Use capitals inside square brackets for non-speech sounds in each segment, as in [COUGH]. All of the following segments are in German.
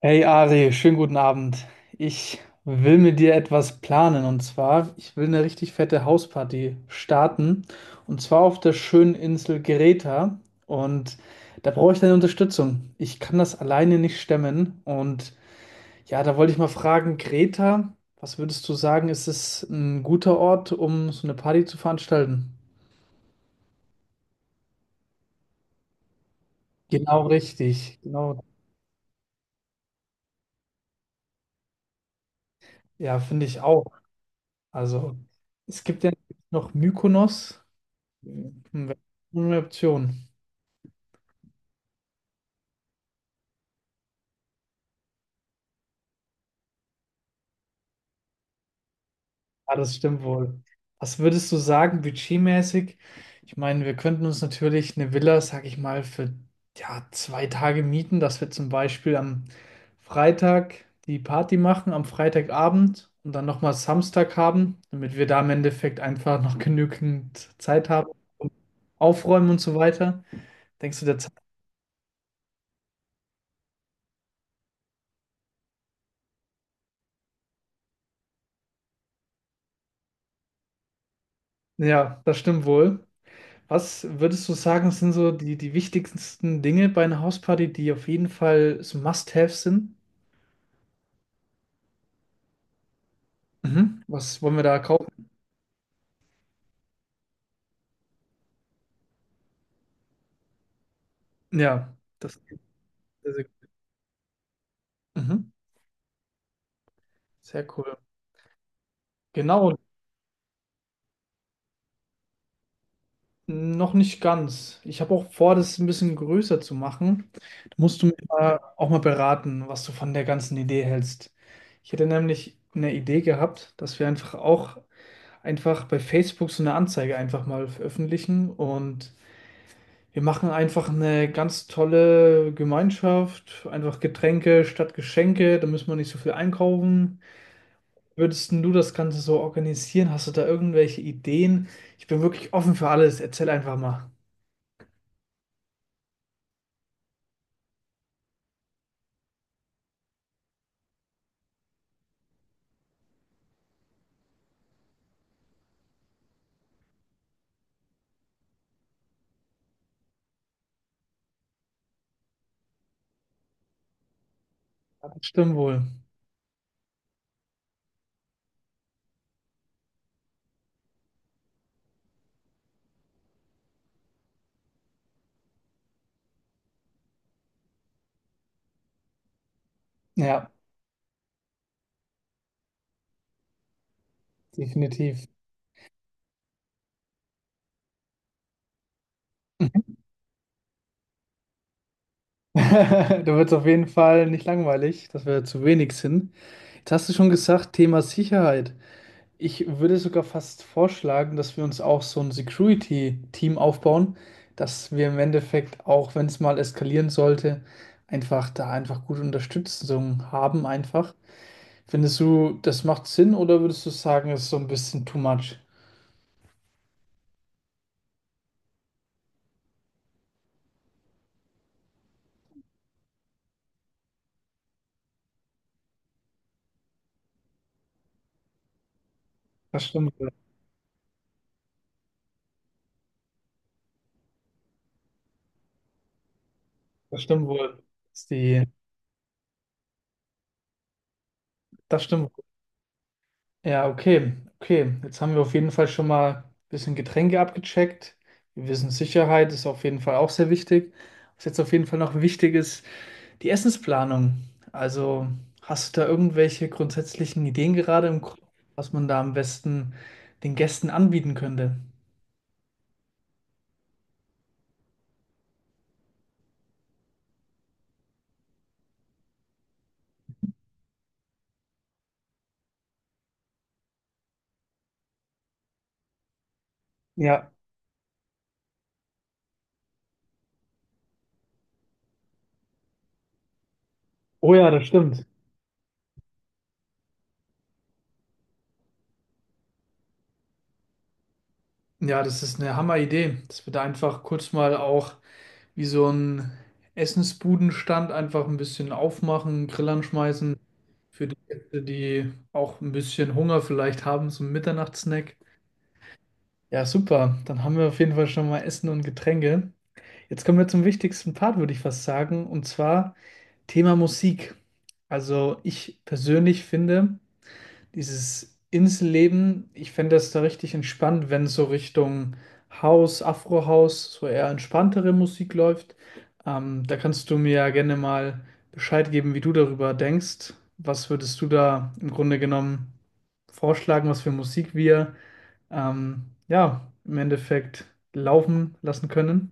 Hey Ari, schönen guten Abend. Ich will mit dir etwas planen, und zwar, ich will eine richtig fette Hausparty starten, und zwar auf der schönen Insel Greta, und da brauche ich deine Unterstützung. Ich kann das alleine nicht stemmen, und ja, da wollte ich mal fragen, Greta, was würdest du sagen, ist es ein guter Ort, um so eine Party zu veranstalten? Genau richtig, genau. Ja, finde ich auch. Also, es gibt ja noch Mykonos. Hm, eine Option. Ah, das stimmt wohl. Was würdest du sagen, budgetmäßig? Ich meine, wir könnten uns natürlich eine Villa, sag ich mal, für ja, zwei Tage mieten, dass wir zum Beispiel am Freitag die Party machen, am Freitagabend, und dann nochmal Samstag haben, damit wir da im Endeffekt einfach noch genügend Zeit haben, aufräumen und so weiter. Denkst du, der Zeit? Ja, das stimmt wohl. Was würdest du sagen, sind so die wichtigsten Dinge bei einer Hausparty, die auf jeden Fall so Must-Haves sind? Mhm. Was wollen wir da kaufen? Ja, das geht sehr, sehr, gut. Mhm. Sehr cool. Genau, noch nicht ganz. Ich habe auch vor, das ein bisschen größer zu machen. Da musst du mich mal, auch mal beraten, was du von der ganzen Idee hältst. Ich hätte nämlich eine Idee gehabt, dass wir einfach auch einfach bei Facebook so eine Anzeige einfach mal veröffentlichen, und wir machen einfach eine ganz tolle Gemeinschaft, einfach Getränke statt Geschenke, da müssen wir nicht so viel einkaufen. Würdest denn du das Ganze so organisieren? Hast du da irgendwelche Ideen? Ich bin wirklich offen für alles. Erzähl einfach mal. Ja, das stimmt wohl. Ja, definitiv. [LAUGHS] Da wird es auf jeden Fall nicht langweilig, dass wir zu wenig sind. Jetzt hast du schon gesagt, Thema Sicherheit. Ich würde sogar fast vorschlagen, dass wir uns auch so ein Security-Team aufbauen, dass wir im Endeffekt, auch wenn es mal eskalieren sollte, einfach da einfach gute Unterstützung haben einfach. Findest du, das macht Sinn, oder würdest du sagen, es ist so ein bisschen too much? Das stimmt wohl. Das stimmt wohl. Das ist die, das stimmt wohl. Ja, okay. Okay. Jetzt haben wir auf jeden Fall schon mal ein bisschen Getränke abgecheckt. Wir wissen, Sicherheit ist auf jeden Fall auch sehr wichtig. Was jetzt auf jeden Fall noch wichtig ist, die Essensplanung. Also hast du da irgendwelche grundsätzlichen Ideen gerade im Kopf, was man da am besten den Gästen anbieten könnte? Ja, oh ja, das stimmt. Ja, das ist eine Hammeridee, dass wir da einfach kurz mal auch wie so ein Essensbudenstand einfach ein bisschen aufmachen, Grillern schmeißen für die Gäste, die auch ein bisschen Hunger vielleicht haben, so ein Mitternachtssnack. Ja, super. Dann haben wir auf jeden Fall schon mal Essen und Getränke. Jetzt kommen wir zum wichtigsten Part, würde ich fast sagen, und zwar Thema Musik. Also ich persönlich finde dieses Inselleben, ich fände das da richtig entspannt, wenn so Richtung House, Afro-House, so eher entspanntere Musik läuft. Da kannst du mir ja gerne mal Bescheid geben, wie du darüber denkst. Was würdest du da im Grunde genommen vorschlagen, was für Musik wir ja im Endeffekt laufen lassen können?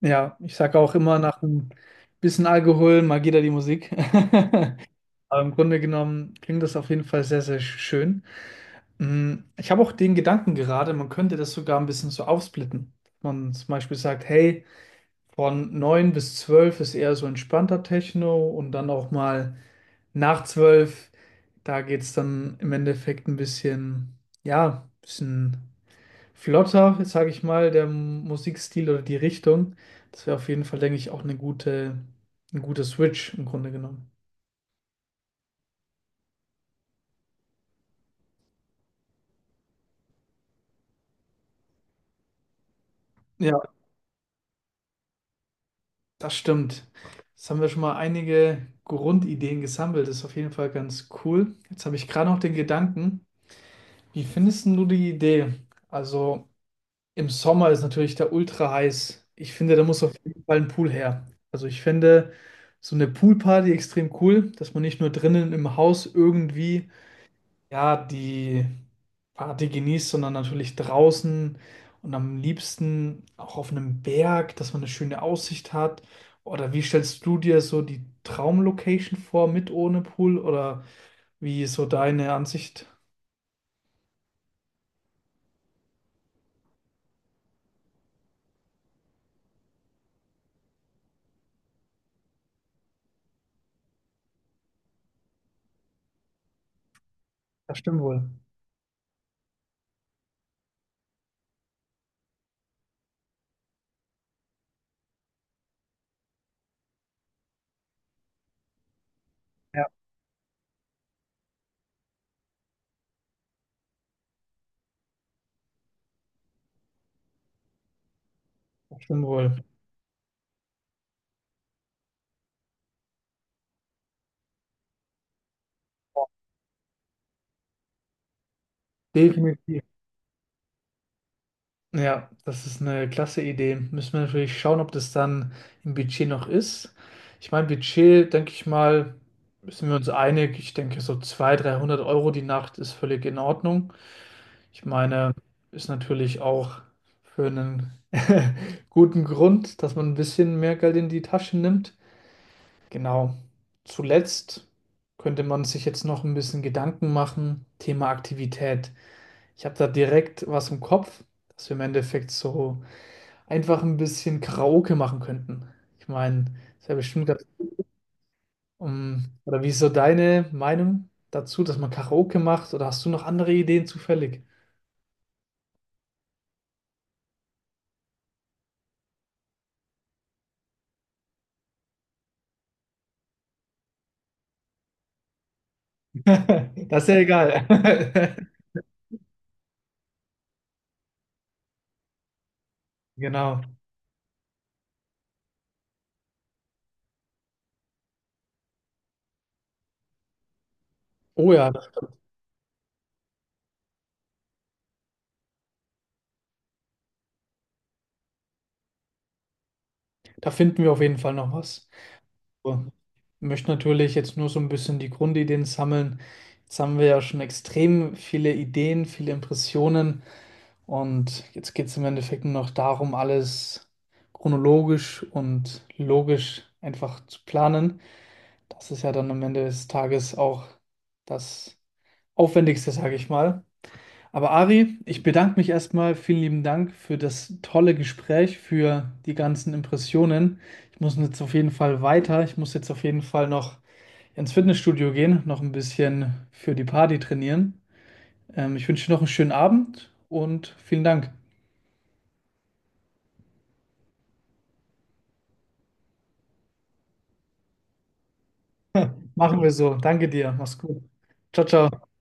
Ja, ich sage auch immer, nach ein bisschen Alkohol, mal geht da die Musik. [LAUGHS] Aber im Grunde genommen klingt das auf jeden Fall sehr, sehr schön. Ich habe auch den Gedanken gerade, man könnte das sogar ein bisschen so aufsplitten. Man zum Beispiel sagt, hey, von 9 bis 12 ist eher so entspannter Techno, und dann auch mal nach 12, da geht es dann im Endeffekt ein bisschen, ja, ein bisschen flotter, sage ich mal, der Musikstil oder die Richtung. Das wäre auf jeden Fall, denke ich, auch eine gute, ein guter Switch im Grunde genommen. Ja, das stimmt. Jetzt haben wir schon mal einige Grundideen gesammelt. Das ist auf jeden Fall ganz cool. Jetzt habe ich gerade noch den Gedanken, wie findest denn du die Idee? Also im Sommer ist natürlich da ultra heiß. Ich finde, da muss auf jeden Fall ein Pool her. Also ich finde so eine Poolparty extrem cool, dass man nicht nur drinnen im Haus irgendwie, ja, die Party genießt, sondern natürlich draußen und am liebsten auch auf einem Berg, dass man eine schöne Aussicht hat. Oder wie stellst du dir so die Traumlocation vor, mit ohne Pool? Oder wie ist so deine Ansicht? Das stimmt wohl. Ja, das stimmt wohl. Definitiv. Ja, das ist eine klasse Idee. Müssen wir natürlich schauen, ob das dann im Budget noch ist. Ich meine, Budget, denke ich mal, sind wir uns einig. Ich denke, so 200, 300 Euro die Nacht ist völlig in Ordnung. Ich meine, ist natürlich auch für einen [LAUGHS] guten Grund, dass man ein bisschen mehr Geld in die Tasche nimmt. Genau. Zuletzt könnte man sich jetzt noch ein bisschen Gedanken machen. Thema Aktivität. Ich habe da direkt was im Kopf, dass wir im Endeffekt so einfach ein bisschen Karaoke machen könnten. Ich meine, das wäre bestimmt ganz, oder wie ist so deine Meinung dazu, dass man Karaoke macht? Oder hast du noch andere Ideen zufällig? [LAUGHS] Das ist ja egal. [LAUGHS] Genau. Oh ja, da finden wir auf jeden Fall noch was. So. Ich möchte natürlich jetzt nur so ein bisschen die Grundideen sammeln. Jetzt haben wir ja schon extrem viele Ideen, viele Impressionen. Und jetzt geht es im Endeffekt nur noch darum, alles chronologisch und logisch einfach zu planen. Das ist ja dann am Ende des Tages auch das Aufwendigste, sage ich mal. Aber Ari, ich bedanke mich erstmal. Vielen lieben Dank für das tolle Gespräch, für die ganzen Impressionen. Ich muss jetzt auf jeden Fall weiter. Ich muss jetzt auf jeden Fall noch ins Fitnessstudio gehen, noch ein bisschen für die Party trainieren. Ich wünsche dir noch einen schönen Abend und vielen Dank. [LAUGHS] Machen wir so. Danke dir. Mach's gut. Ciao, ciao.